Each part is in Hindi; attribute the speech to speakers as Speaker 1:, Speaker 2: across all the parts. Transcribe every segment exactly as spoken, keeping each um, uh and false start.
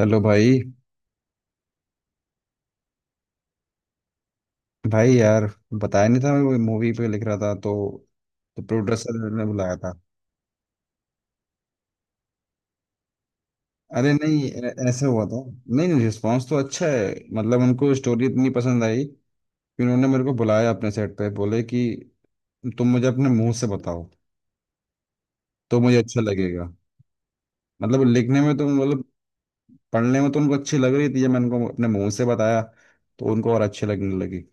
Speaker 1: हेलो भाई। भाई यार, बताया नहीं था। मैं मूवी पे लिख रहा था, तो तो प्रोड्यूसर ने बुलाया था। अरे नहीं, ऐ- ऐसे हुआ था। नहीं नहीं रिस्पांस तो अच्छा है। मतलब उनको स्टोरी इतनी पसंद आई कि उन्होंने मेरे को बुलाया अपने सेट पे, बोले कि तुम मुझे अपने मुंह से बताओ तो मुझे अच्छा लगेगा। मतलब लिखने में तो, मतलब पढ़ने में तो उनको अच्छी लग रही थी। जब मैंने उनको अपने मुंह से बताया तो उनको और अच्छी लगने लगी।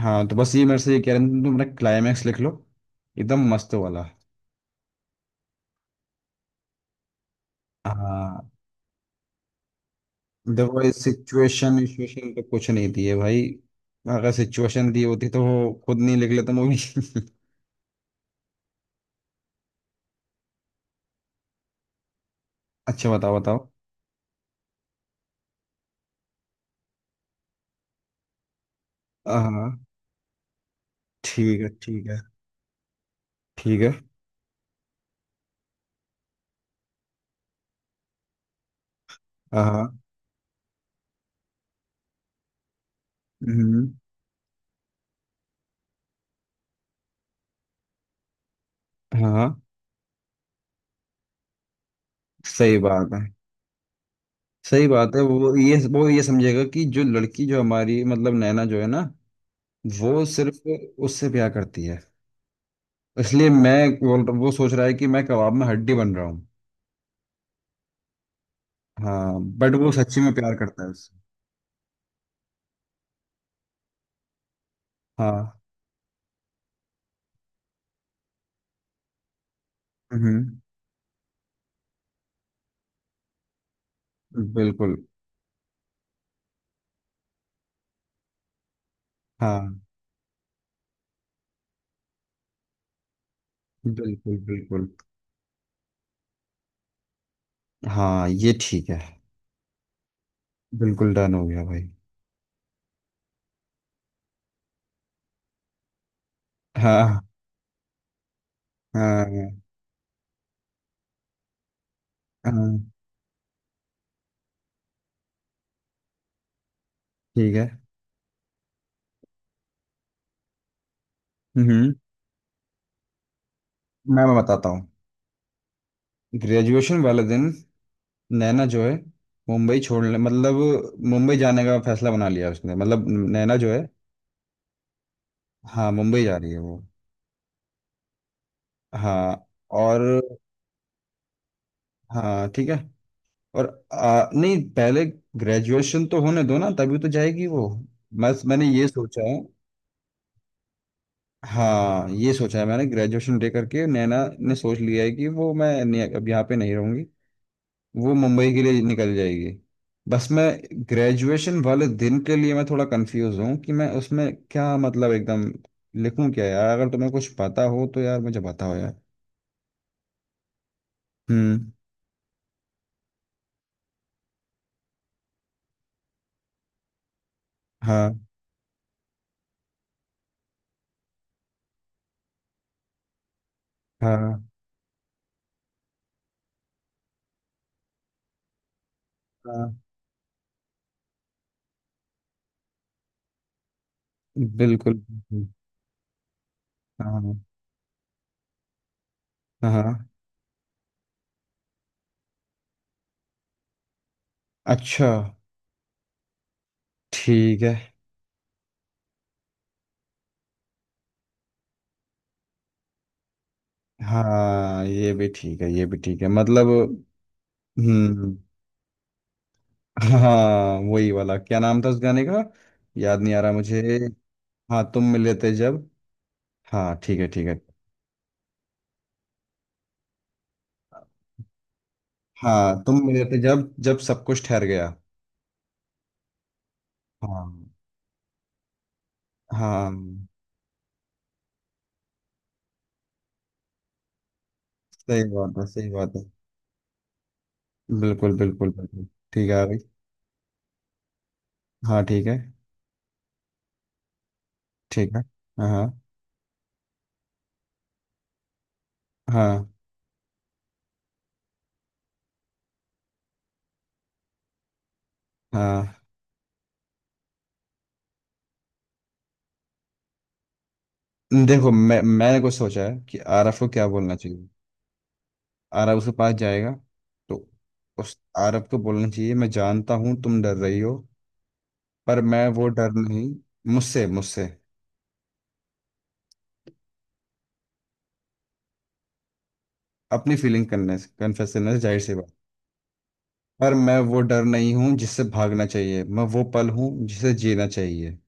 Speaker 1: हाँ, तो बस ये मेरे से ये कह रहे थे तुम अपना क्लाइमैक्स लिख लो, एकदम मस्त वाला। हाँ, देखो इस सिचुएशन सिचुएशन पे कुछ नहीं दिए भाई। अगर सिचुएशन दी होती तो वो खुद नहीं लिख लेता मूवी अच्छा, बताओ बताओ। हाँ, ठीक है ठीक है। ठीक है। हाँ। हम्म। हाँ। सही बात है। सही बात है। वो ये वो ये समझेगा कि जो लड़की, जो हमारी मतलब नैना जो है ना, वो सिर्फ उससे प्यार करती है। इसलिए मैं बोल रहा- वो सोच रहा है कि मैं कबाब में हड्डी बन रहा हूँ। हाँ, बट वो सच्ची में प्यार करता है उससे। हाँ। हम्म। बिल्कुल। हाँ, बिल्कुल बिल्कुल। हाँ, ये ठीक है। बिल्कुल डन हो गया भाई। हाँ। हाँ। हाँ, ठीक है। हम्म। मैं मैं बताता हूँ। ग्रेजुएशन वाले दिन नैना जो है, मुंबई छोड़ने मतलब मुंबई जाने का फैसला बना लिया उसने, मतलब नैना जो है। हाँ, मुंबई जा रही है वो। हाँ। और, हाँ ठीक है। और आ, नहीं, पहले ग्रेजुएशन तो होने दो ना, तभी तो जाएगी वो। बस मैंने ये सोचा है। हाँ, ये सोचा है मैंने, ग्रेजुएशन दे करके नैना ने सोच लिया है कि वो मैं नहीं- अब यहाँ पे नहीं रहूंगी। वो मुंबई के लिए निकल जाएगी। बस मैं ग्रेजुएशन वाले दिन के लिए मैं थोड़ा कंफ्यूज हूँ कि मैं उसमें क्या मतलब एकदम लिखूं क्या यार। अगर तुम्हें कुछ पता हो तो यार मुझे बताओ यार। हम्म। हाँ। हाँ। हाँ। बिल्कुल बिल्कुल। हाँ। हाँ। अच्छा, ठीक है। हाँ, ये भी ठीक है, ये भी ठीक है, मतलब। हम्म। हाँ, वही वाला, क्या नाम था उस गाने का? याद नहीं आ रहा मुझे। हाँ, तुम मिले थे जब। हाँ, ठीक है ठीक है। हाँ, तुम मिले थे जब, जब सब कुछ ठहर गया। हाँ। हाँ, सही बात है। सही बात है। बिल्कुल बिल्कुल बिल्कुल। ठीक है अभी। हाँ, ठीक है। ठीक है। हाँ हाँ। हाँ। हाँ। देखो मैं मैंने कुछ सोचा है कि आरफ को क्या बोलना चाहिए। आरफ उसके पास जाएगा, तो उस आरफ को बोलना चाहिए मैं जानता हूँ तुम डर रही हो, पर मैं वो डर नहीं। मुझसे मुझसे। अपनी फीलिंग करने से, कन्फेस करने से, जाहिर सी बात। पर मैं वो डर नहीं हूँ जिससे भागना चाहिए, मैं वो पल हूँ जिसे जीना चाहिए।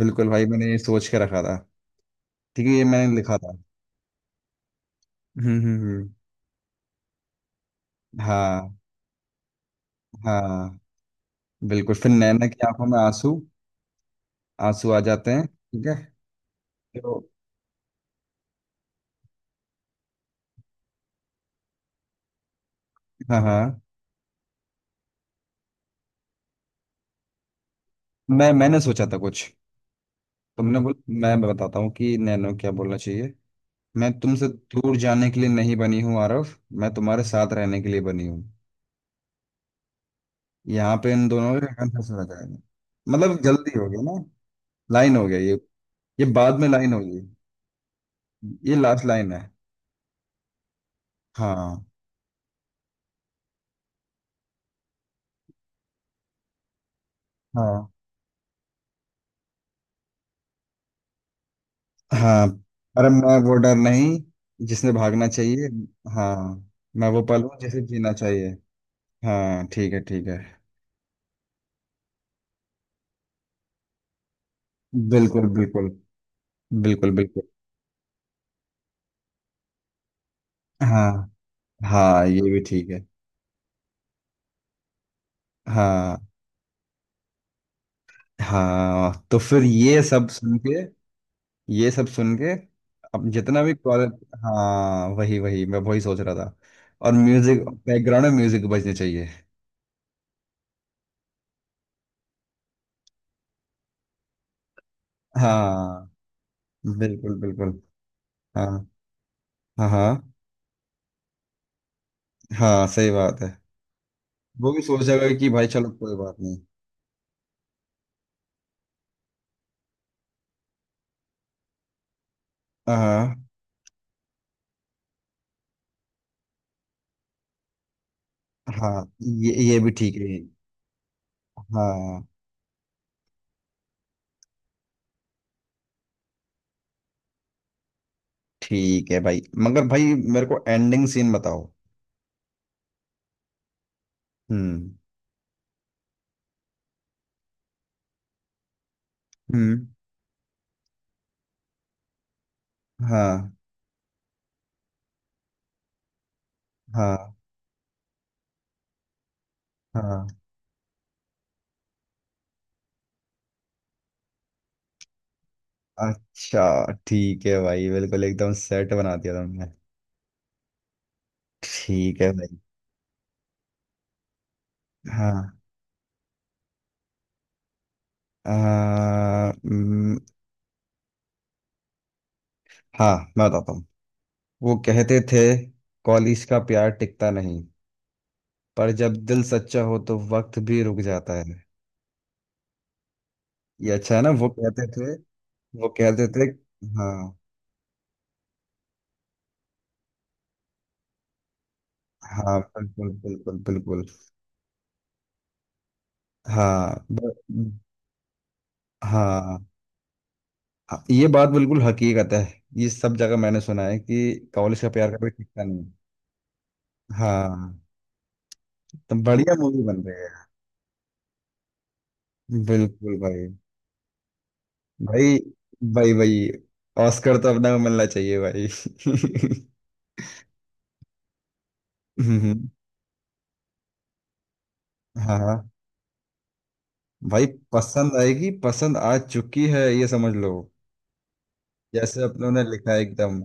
Speaker 1: बिल्कुल भाई, मैंने ये सोच के रखा था। ठीक है, ये मैंने लिखा था। हम्म हम्म हम्म। हाँ। हाँ, बिल्कुल, फिर नैना की आंखों में आंसू, आंसू आ जाते हैं, ठीक है। तो हाँ। हाँ, मैं मैंने सोचा था कुछ, तुमने बोल। मैं बताता हूँ कि नैनो क्या बोलना चाहिए। मैं तुमसे दूर जाने के लिए नहीं बनी हूँ आरव, मैं तुम्हारे साथ रहने के लिए बनी हूँ। यहाँ पे इन दोनों का रखा फंसा जाएगा। मतलब जल्दी हो गया ना। लाइन हो गया ये ये बाद में लाइन होगी, ये लास्ट लाइन है। हाँ। हाँ। हाँ, अरे मैं वो डर नहीं जिसने भागना चाहिए। हाँ, मैं वो पल हूँ जिसे जीना चाहिए। हाँ, ठीक है ठीक है। बिल्कुल बिल्कुल। बिल्कुल बिल्कुल। हाँ। हाँ, ये भी ठीक है। हाँ। हाँ, तो फिर ये सब सुन के, ये सब सुन के, अब जितना भी क्वालिटी। हाँ वही वही, मैं वही सोच रहा था। और म्यूजिक, बैकग्राउंड में म्यूजिक बजने चाहिए। हाँ। बिल्कुल बिल्कुल। हाँ। हाँ। हाँ। हाँ, सही बात है। वो भी सोच जाएगा कि भाई चलो कोई बात नहीं। हाँ। हाँ ये ये भी ठीक है। हाँ। ठीक है भाई, मगर भाई मेरे को एंडिंग सीन बताओ। हम्म। हम्म। हाँ। हाँ। हाँ। अच्छा ठीक है भाई, बिल्कुल एकदम सेट बना दिया तुमने। ठीक है भाई। हाँ। आ, हम्म, हाँ, मैं बताता हूँ। वो कहते थे कॉलेज का प्यार टिकता नहीं, पर जब दिल सच्चा हो तो वक्त भी रुक जाता है। ये अच्छा है ना, वो कहते थे, वो कहते थे। हाँ। हाँ, बिल्कुल बिल्कुल बिल्कुल। हाँ ब- हाँ। हाँ, ये बात बिल्कुल हकीकत है। ये सब जगह मैंने सुना है कि कॉलेज का प्यार कभी टिकता नहीं। हाँ, तो बढ़िया मूवी बन रही है। बिल्कुल भाई। भाई भाई भाई, ऑस्कर तो अपना को मिलना चाहिए भाई हम्म, हाँ। हाँ भाई, पसंद आएगी, पसंद आ चुकी है ये समझ लो। जैसे अपनों ने लिखा है एकदम।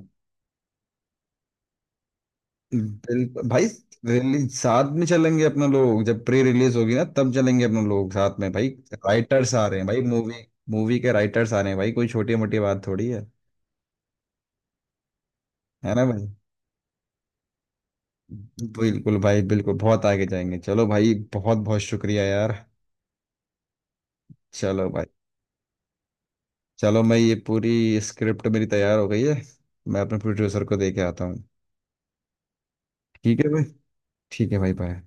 Speaker 1: बिल्कुल भाई। रिलीज साथ में चलेंगे अपना लोग, जब प्री रिलीज होगी ना तब चलेंगे अपना लोग साथ में भाई। राइटर्स आ रहे हैं भाई, मूवी मूवी के राइटर्स आ रहे हैं भाई, कोई छोटी मोटी बात थोड़ी है। है ना भाई। बिल्कुल भाई बिल्कुल, बहुत आगे जाएंगे। चलो भाई, बहुत बहुत शुक्रिया यार। चलो भाई। चलो, मैं ये पूरी स्क्रिप्ट मेरी तैयार हो गई है, मैं अपने प्रोड्यूसर को दे के आता हूँ। ठीक है भाई। ठीक है भाई, बाय।